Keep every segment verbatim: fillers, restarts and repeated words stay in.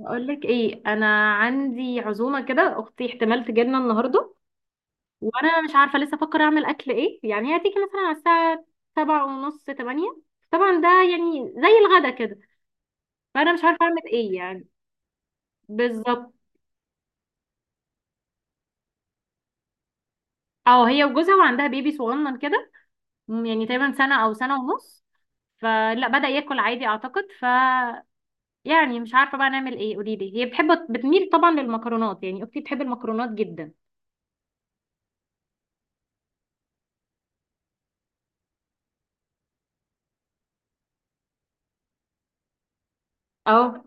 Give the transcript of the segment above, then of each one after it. اقول لك ايه، انا عندي عزومه كده. اختي احتمال تجيلنا النهارده وانا مش عارفه لسه، افكر اعمل اكل ايه يعني. هي هتيجي مثلا على الساعه سبعة ونص، تمانية. طبعا ده يعني زي الغدا كده، فانا مش عارفه اعمل ايه يعني. بالظبط. اه، هي وجوزها وعندها بيبي صغنن كده، يعني تقريبا سنه او سنه ونص. فلا، بدأ ياكل عادي اعتقد. ف يعني مش عارفه بقى نعمل ايه، قولي لي. هي بتحب، بتميل طبعا للمكرونات. يعني اختي بتحب المكرونات جدا. اه،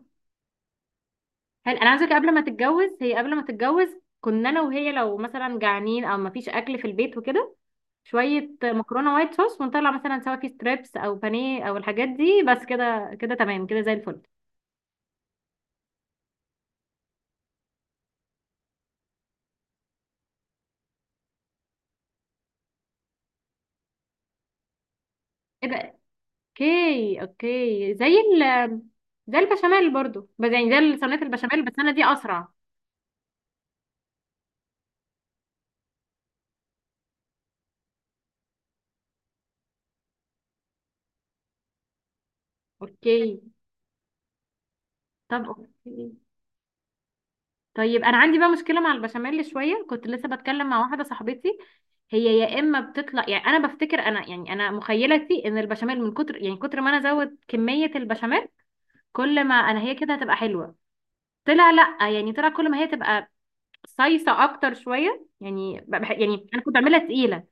حلو. انا عايزاك، قبل ما تتجوز هي قبل ما تتجوز كنا انا وهي لو مثلا جعانين او مفيش اكل في البيت وكده، شويه مكرونه وايت صوص ونطلع مثلا سواء في ستريبس او بانيه او الحاجات دي، بس كده كده تمام كده، زي الفل. ايه ده؟ اوكي اوكي، زي ال زي البشاميل برضو، بس يعني زي صينيه البشاميل، بس انا دي اسرع. اوكي. طب اوكي، طيب. انا عندي بقى مشكله مع البشاميل شويه. كنت لسه بتكلم مع واحده صاحبتي. هي يا اما بتطلع يعني، انا بفتكر انا يعني انا مخيلتي ان البشاميل من كتر يعني كتر ما انا ازود كميه البشاميل، كل ما انا هي كده هتبقى حلوه. طلع لا، يعني طلع كل ما هي تبقى صيصه اكتر شويه. يعني بح- يعني انا كنت بعملها تقيله،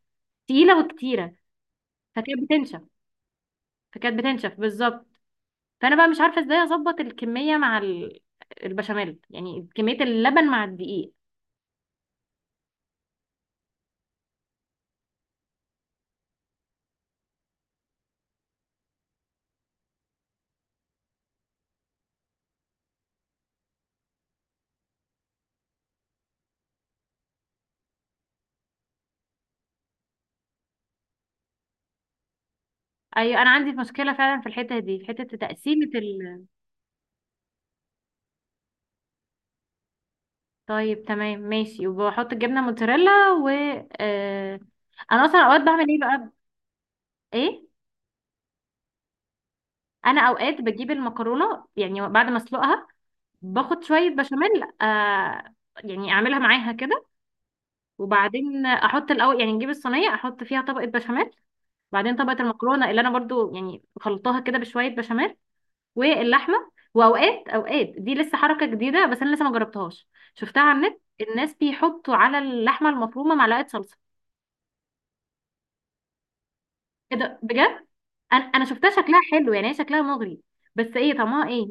تقيله وكتيره. فكانت بتنشف فكانت بتنشف بالظبط. فانا بقى مش عارفه ازاي اظبط الكميه مع ال- البشاميل، يعني كميه اللبن مع الدقيق. ايوه، انا عندي مشكله فعلا في الحته دي، في حته تقسيمه ال... طيب تمام ماشي. وبحط الجبنه موتزاريلا و آه... انا اصلا اوقات بعمل ايه بقى؟ ايه. انا اوقات بجيب المكرونه يعني بعد ما اسلقها، باخد شويه بشاميل، آه... يعني اعملها معاها كده. وبعدين احط الاول، يعني نجيب الصينيه احط فيها طبقه بشاميل، بعدين طبقه المكرونه اللي انا برضو يعني خلطتها كده بشويه بشاميل واللحمه. واوقات اوقات دي لسه حركه جديده بس انا لسه ما جربتهاش، شفتها على النت. الناس بيحطوا على اللحمه المفرومه معلقه صلصه. ايه ده بجد؟ انا انا شفتها شكلها حلو، يعني هي شكلها مغري، بس ايه طعمها ايه؟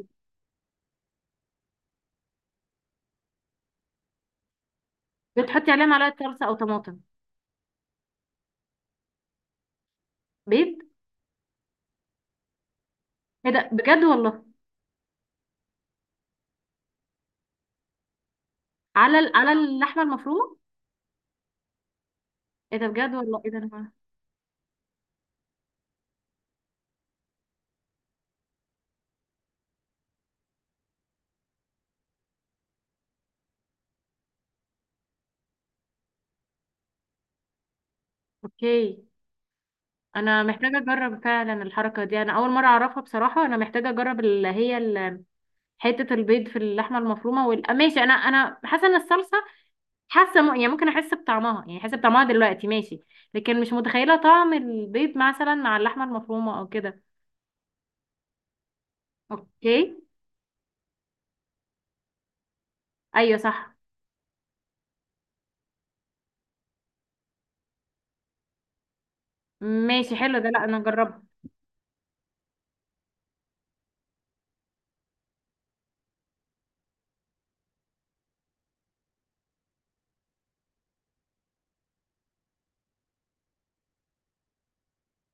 بتحطي عليها معلقه صلصه او طماطم؟ بيض؟ ايه ده بجد والله؟ على ال- على اللحمه المفرومه؟ ايه ده بجد والله، ايه ده؟ انا اوكي، انا محتاجه اجرب فعلا الحركه دي، انا اول مره اعرفها بصراحه. انا محتاجه اجرب اللي هي ال- حته البيض في اللحمه المفرومه وال... ماشي. انا انا حاسه ان الصلصه، حاسه م... يعني ممكن احس بطعمها، يعني احس بطعمها دلوقتي ماشي، لكن مش متخيله طعم البيض مثلا مع اللحمه المفرومه او كده. اوكي. ايوه صح. ماشي حلو ده، لا انا هجربها.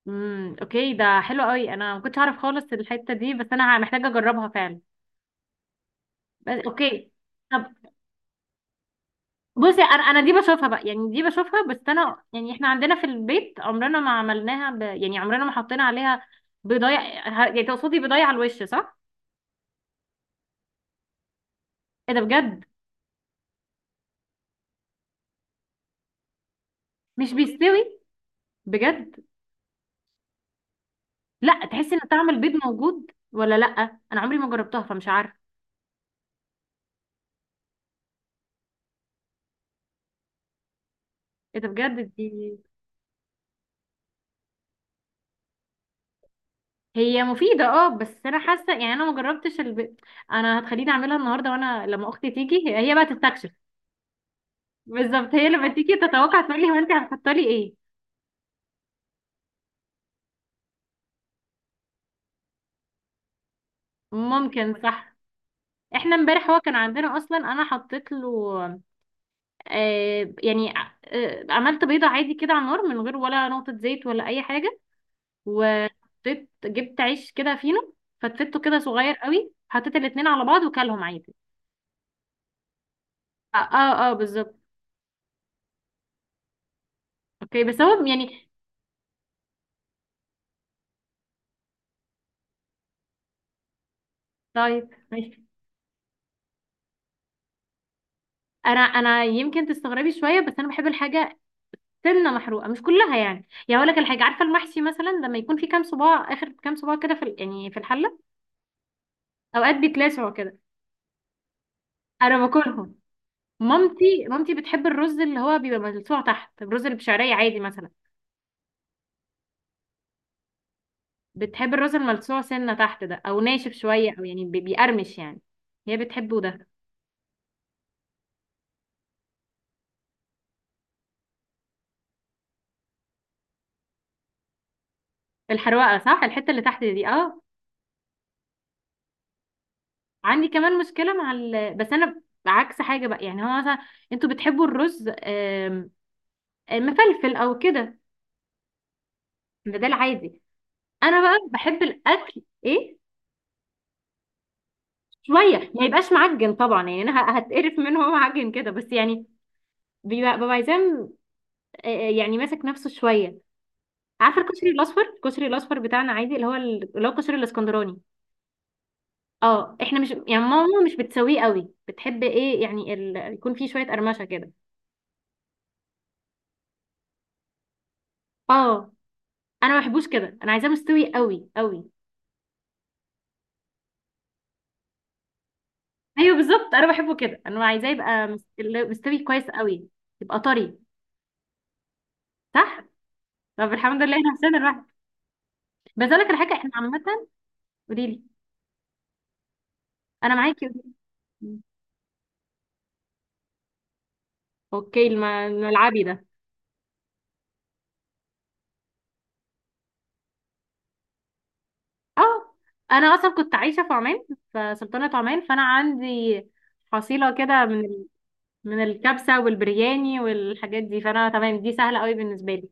امم اوكي ده حلو قوي. انا ما كنتش اعرف خالص الحته دي، بس انا محتاجه اجربها فعلا. بس اوكي. طب بصي، انا انا دي بشوفها بقى، يعني دي بشوفها، بس انا يعني احنا عندنا في البيت عمرنا ما عملناها ب... يعني عمرنا ما حطينا عليها بيضايه. ه- يعني تقصدي بيضايه على الوش، صح؟ ايه ده بجد؟ مش بيستوي؟ بجد؟ لا، تحسي ان طعم البيض موجود ولا لا؟ انا عمري ما جربتها فمش عارفه. ايه ده بجد دي؟ هي مفيده اه، بس انا حاسه يعني انا ما جربتش الب... انا هتخليني اعملها النهارده وانا لما اختي تيجي، هي هي بقى تستكشف. بالظبط، هي لما تيجي تتوقع تقول لي: هو انت هتحطي لي ايه؟ ممكن، صح. احنا امبارح هو كان عندنا اصلا، انا حطيت له، آه يعني آه عملت بيضه عادي كده على النار من غير ولا نقطه زيت ولا اي حاجه، وحطيت، جبت عيش كده فينو، فتفته كده صغير قوي، حطيت الاتنين على بعض وكلهم عادي. اه اه، آه بالظبط. اوكي بس هو يعني، طيب ماشي. انا انا يمكن تستغربي شويه بس انا بحب الحاجه سنه، محروقه مش كلها يعني. يعني اقول لك الحاجه، عارفه المحشي مثلا لما يكون في كام صباع، اخر كام صباع كده في ال- يعني في الحله، اوقات بيتلسعوا كده، انا باكلهم. مامتي مامتي بتحب الرز اللي هو بيبقى ملسوع تحت، الرز اللي بشعريه عادي مثلا. بتحب الراس الملسوع سنة تحت ده، او ناشف شوية، او يعني بي- بيقرمش يعني. هي بتحبه ده. الحروقة، صح، الحتة اللي تحت دي، اه. عندي كمان مشكلة مع ال... بس انا عكس حاجة بقى. يعني هو مثلا انتوا بتحبوا الرز آم، آم، مفلفل او كده، ده ده العادي. انا بقى بحب الاكل ايه؟ شوية ما يبقاش معجن طبعا. يعني انا ه- هتقرف منه هو معجن كده، بس يعني بيبقى، ببقى عايزاه، آه، آه، يعني ماسك نفسه شوية. عارفة الكشري الأصفر؟ الكشري الأصفر بتاعنا عادي اللي هو ال- اللي هو الكشري الإسكندراني. اه احنا مش يعني، ماما مش بتسويه قوي، بتحب ايه يعني ال... يكون فيه شويه قرمشه كده. اه انا ما بحبوش كده، انا عايزاه مستوي قوي قوي. ايوه بالظبط انا بحبه كده، انا عايزاه يبقى مس- اللي- مستوي كويس قوي، يبقى طري. صح. طب الحمد لله احنا مشينا لوحدنا. بس اقول لك على حاجه احنا عامه. قولي لي، انا معاكي، قولي لي. اوكي، الم- الملعبي ده؟ اه انا اصلا كنت عايشه في عمان، في سلطنه عمان، فانا عندي حصيله كده من من الكبسة والبرياني والحاجات دي. فانا تمام، دي سهلة قوي بالنسبة لي.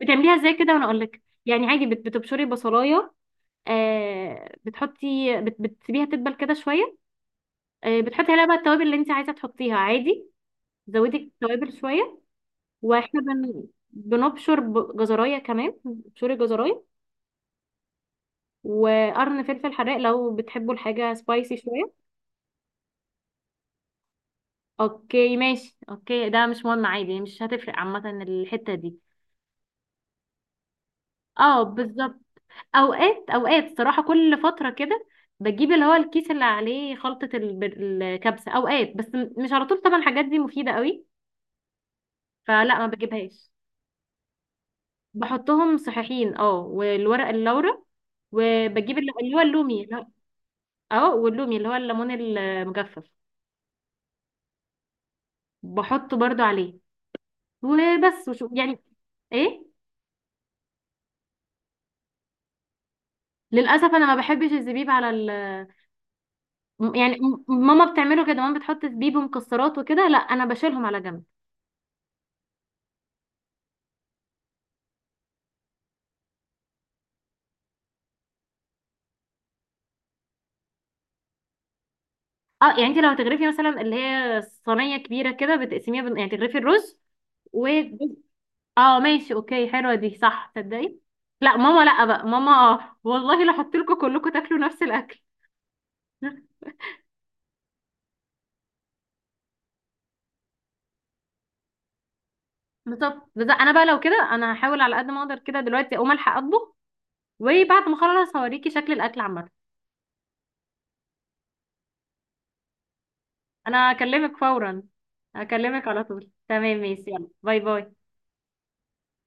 بتعمليها ازاي كده وانا اقول لك. يعني عادي، بت- بتبشري بصلاية، آه بتحطي، بت بتسيبيها تدبل كده شوية، آه بتحطي عليها بقى التوابل اللي انت عايزة تحطيها عادي، زودي التوابل شوية. واحنا بن بنبشر ب- جزراية، كمان بتبشري جزراية، وقرن فلفل حراق لو بتحبوا الحاجة سبايسي شوية. اوكي ماشي اوكي، ده مش مهم عادي، مش هتفرق عامة الحتة دي. اه بالظبط. اوقات اوقات صراحة كل فترة كده بجيب اللي هو الكيس اللي عليه خلطة الب- الكبسة اوقات، بس م- مش على طول طبعا، الحاجات دي مفيدة قوي، فلا ما بجيبهاش. بحطهم صحيحين، اه، والورق اللورا، وبجيب اللي اللي هو اللومي اللي هو- اه، واللومي اللي هو الليمون المجفف، بحطه برضو عليه. وبس وشو يعني. ايه؟ للاسف انا ما بحبش الزبيب على ال، يعني، م- ماما بتعمله كده، ماما بتحط زبيب ومكسرات وكده، لا انا بشيلهم على جنب. اه يعني، انت لو هتغرفي مثلا اللي هي صينيه كبيره كده بتقسميها بال- يعني تغرفي الرز و، اه ماشي اوكي، حلوه دي صح، تصدقي؟ لا ماما، لا بقى ماما، آه، والله لو حطيت لكم كلكم تاكلوا نفس الاكل. بالظبط. بس انا بقى لو كده، انا هحاول على قد ما اقدر كده. دلوقتي اقوم الحق اطبخ، وبعد ما اخلص هوريكي شكل الاكل عامه. انا هكلمك فورا، هكلمك على طول. تمام ماشي، يلا باي باي.